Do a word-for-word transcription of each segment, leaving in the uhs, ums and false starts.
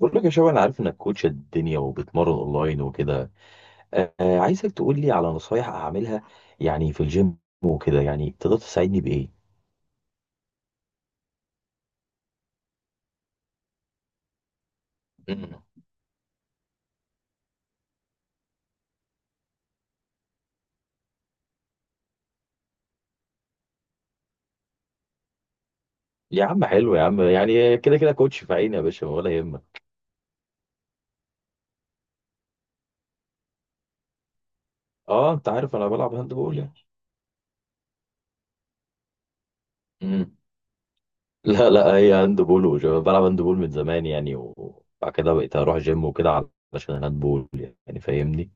بقول لك يا شباب، انا عارف انك كوتش الدنيا وبتمرن اونلاين وكده. آه. عايزك تقول لي على نصايح اعملها يعني في الجيم وكده. يعني تقدر تساعدني بايه؟ مم. يا عم حلو يا عم، يعني كده كده كوتش في عيني يا باشا، ولا يهمك. اه، انت عارف انا بلعب هاند بول يعني. مم. لا لا، هي هاند بول وشباب. بلعب هاند بول من زمان يعني، وبعد كده بقيت اروح جيم وكده علشان الهاند بول. يعني فاهمني.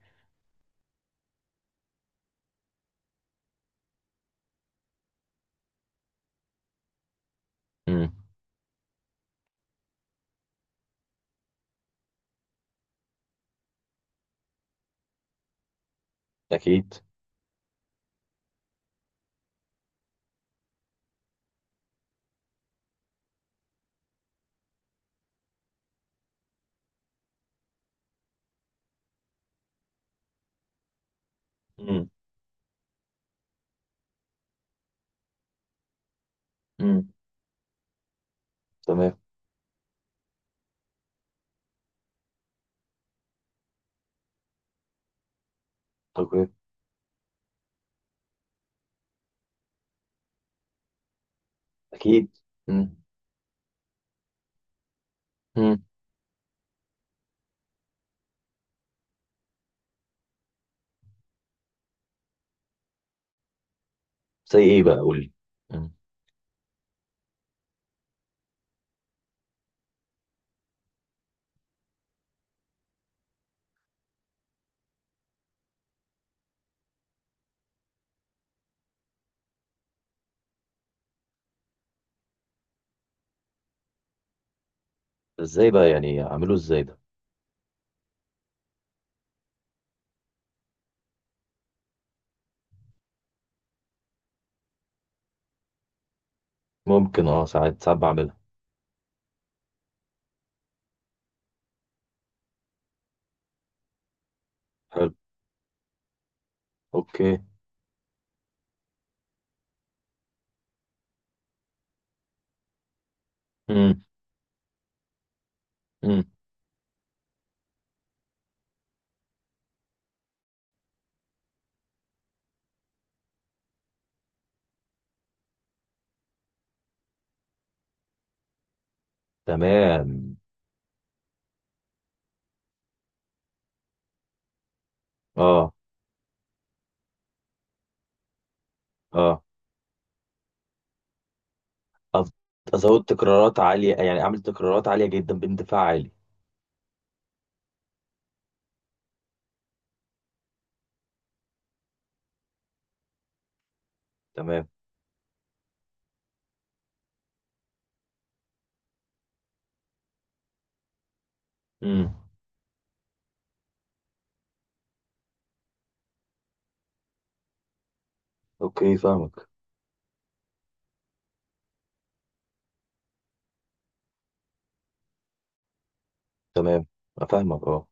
مم. اكيد. مم. مم. تمام. اوكي. اكيد. مم. مم. زي ايه بقى؟ قول لي. ازاي بقى يعني؟ اعمله ازاي ده؟ ممكن. اه، ساعات ساعات بعملها. حلو. اوكي. امم. امم. تمام. اه. اه. أف- ازود تكرارات عاليه، يعني اعمل تكرارات عاليه جدا باندفاع عالي. تمام. امم. اوكي فاهمك. تمام. افهمك. اه.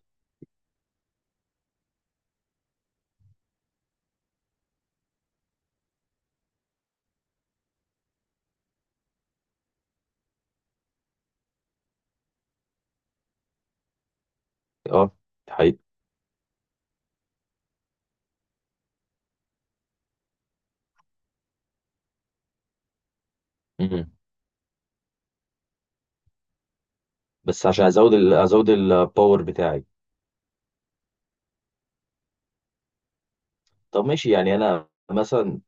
اه. ده حقيقي. امم. بس عشان ازود ال... ازود الباور بتاعي. طب ماشي، يعني انا مثلا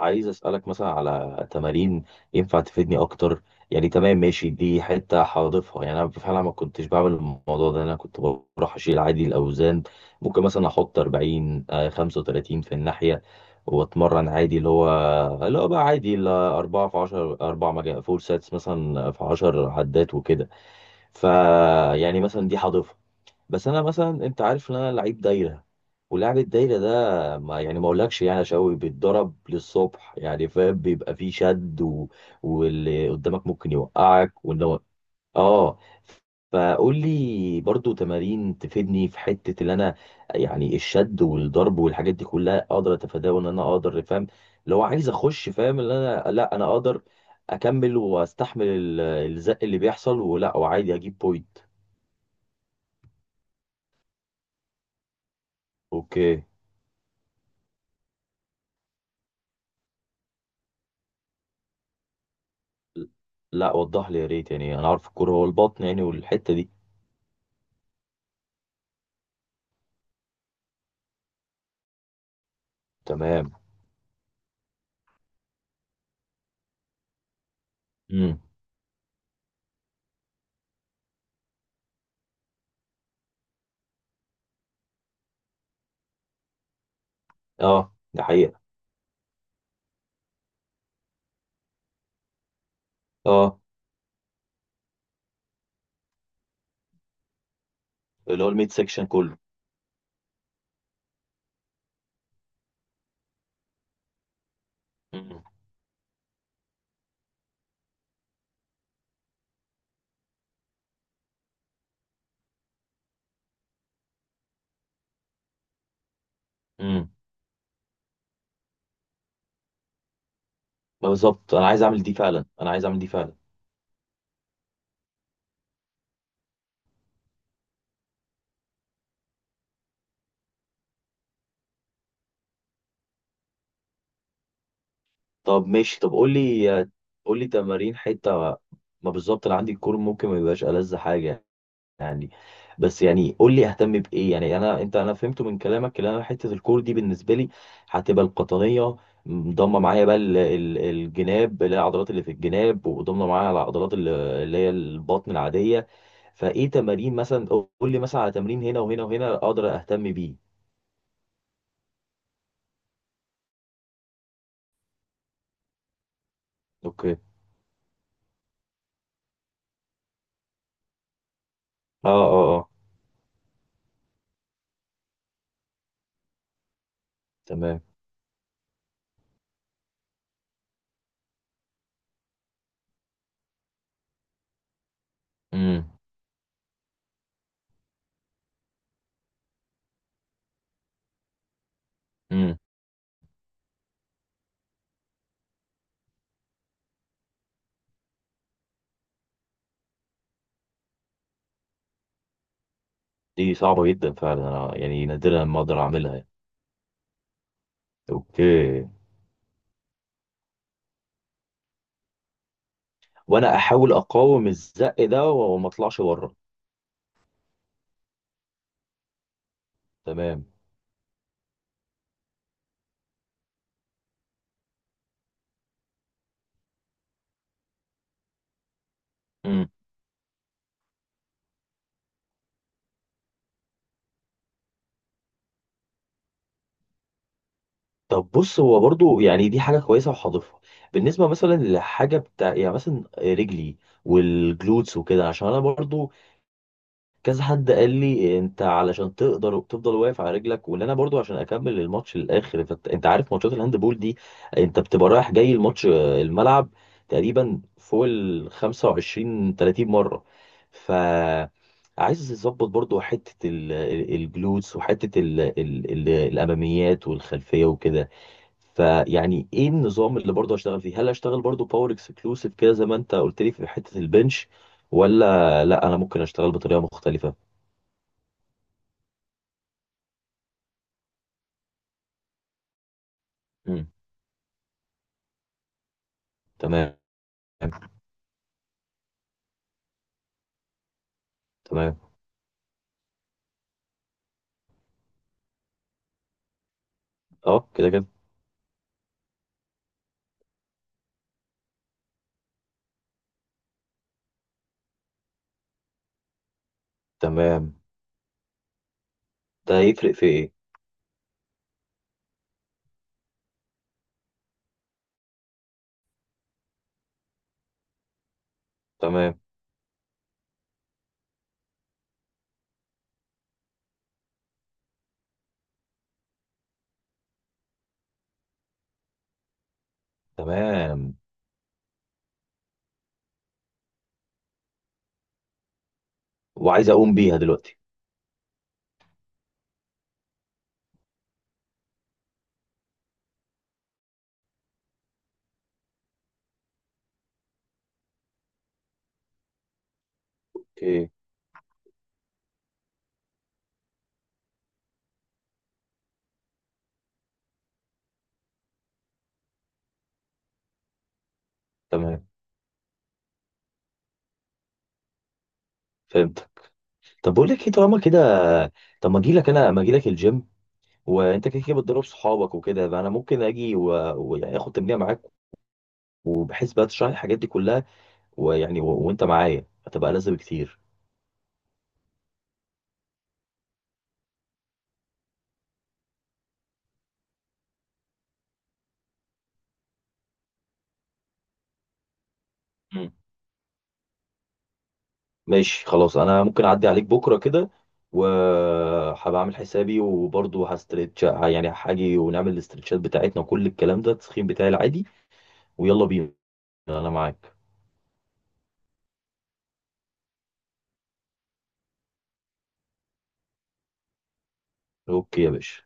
عايز اسالك مثلا على تمارين ينفع تفيدني اكتر. يعني تمام ماشي، دي حته هضيفها يعني. انا فعلا ما كنتش بعمل الموضوع ده، انا كنت بروح اشيل عادي الاوزان. ممكن مثلا احط أربعين، آه، خمسة وثلاثين في الناحيه، واتمرن عادي، اللي هو اللي هو بقى عادي ال أربعة في عشرة، أربعة مجا فور ساتس مثلا في عشرة عدات وكده. ف يعني مثلا دي هضيفها. بس انا مثلا، انت عارف ان انا لعيب دايره، ولعب الدايره ده ما يعني، ما اقولكش يعني يا شوقي، بيتضرب للصبح يعني. فاهم؟ بيبقى فيه شد و... واللي قدامك ممكن يوقعك وان هو. اه. فقول لي برضو تمارين تفيدني في حته اللي انا، يعني الشد والضرب والحاجات دي كلها، اقدر اتفاداه وان انا اقدر. فاهم؟ لو عايز اخش، فاهم ان انا، لا انا اقدر اكمل واستحمل ال- الزق اللي بيحصل، ولا وعادي اجيب بوينت. اوكي. لا، وضح لي يا ريت. يعني انا عارف الكوره هو البطن يعني، والحته دي. تمام. امم. اه، ده حقيقه. اه، اللي هو الميد سيكشن كله. امم. امم. بالظبط انا عايز اعمل دي فعلا، انا عايز اعمل دي فعلا. طب ماشي، طب قول لي. قول لي تمارين حته، ما بالظبط انا عندي الكور، ممكن ما يبقاش ألذ حاجه يعني. بس يعني قول لي اهتم بايه. يعني انا انت انا فهمت من كلامك ان انا حته الكور دي بالنسبه لي هتبقى القطنيه، ضمه معايا بقى ال- ال- الجناب اللي هي العضلات اللي في الجناب، وضمه معايا العضلات اللي اللي هي البطن العاديه. فايه تمارين مثلا؟ قول لي مثلا على تمرين هنا وهنا وهنا اقدر اهتم بيه. اوكي. اه. اه. اه. تمام. امم. امم. دي صعبه جدا فعلا، انا يعني نادرا ما اقدر اعملها يعني. اوكي. وانا احاول اقاوم الزق ده وما اطلعش بره. تمام. مم. طب بص، هو برضو يعني دي حاجة كويسة وهضيفها. بالنسبة مثلا لحاجة بتاع، يعني مثلا رجلي والجلوتس وكده. عشان انا برضو كذا حد قال لي انت علشان تقدر تفضل واقف على رجلك، وان انا برضو عشان اكمل الماتش للاخر. فت... انت عارف ماتشات الهاند بول دي، انت بتبقى رايح جاي الماتش آه، الملعب تقريبا فوق ال خمسة وعشرين تلاتين مرة. ف عايز اظبط برضو حتة ال- ال- الجلوتس، وحتة ال... ال... ال- الاماميات والخلفية وكده. فيعني ايه النظام اللي برضه هشتغل فيه؟ هل هشتغل برضه باور اكسكلوسيف كده زي ما انت قلت لي في حتة البنش؟ ولا لا، انا ممكن اشتغل بطريقة مختلفة. امم. تمام. تمام. اه كده كده. تمام. ده هيفرق في ايه؟ تمام. تمام. وعايز اقوم بيها دلوقتي. اوكي. تمام. فهمتك. طب بقول لك ايه، طالما كده طب ما اجي لك انا ما اجي لك الجيم، وانت كده كده بتدرب صحابك وكده، يبقى انا ممكن اجي واخد و- واخد تمرين معاك، وبحيث بقى تشرح لي الحاجات دي كلها. ويعني و... وانت معايا هتبقى لذة بكتير. مم. ماشي خلاص، انا ممكن اعدي عليك بكره كده، وهبقى اعمل حسابي. وبرضه هستريتش يعني، هاجي ونعمل الاسترتشات بتاعتنا وكل الكلام ده التسخين بتاعي العادي. ويلا بينا. انا معاك. اوكي يا باشا.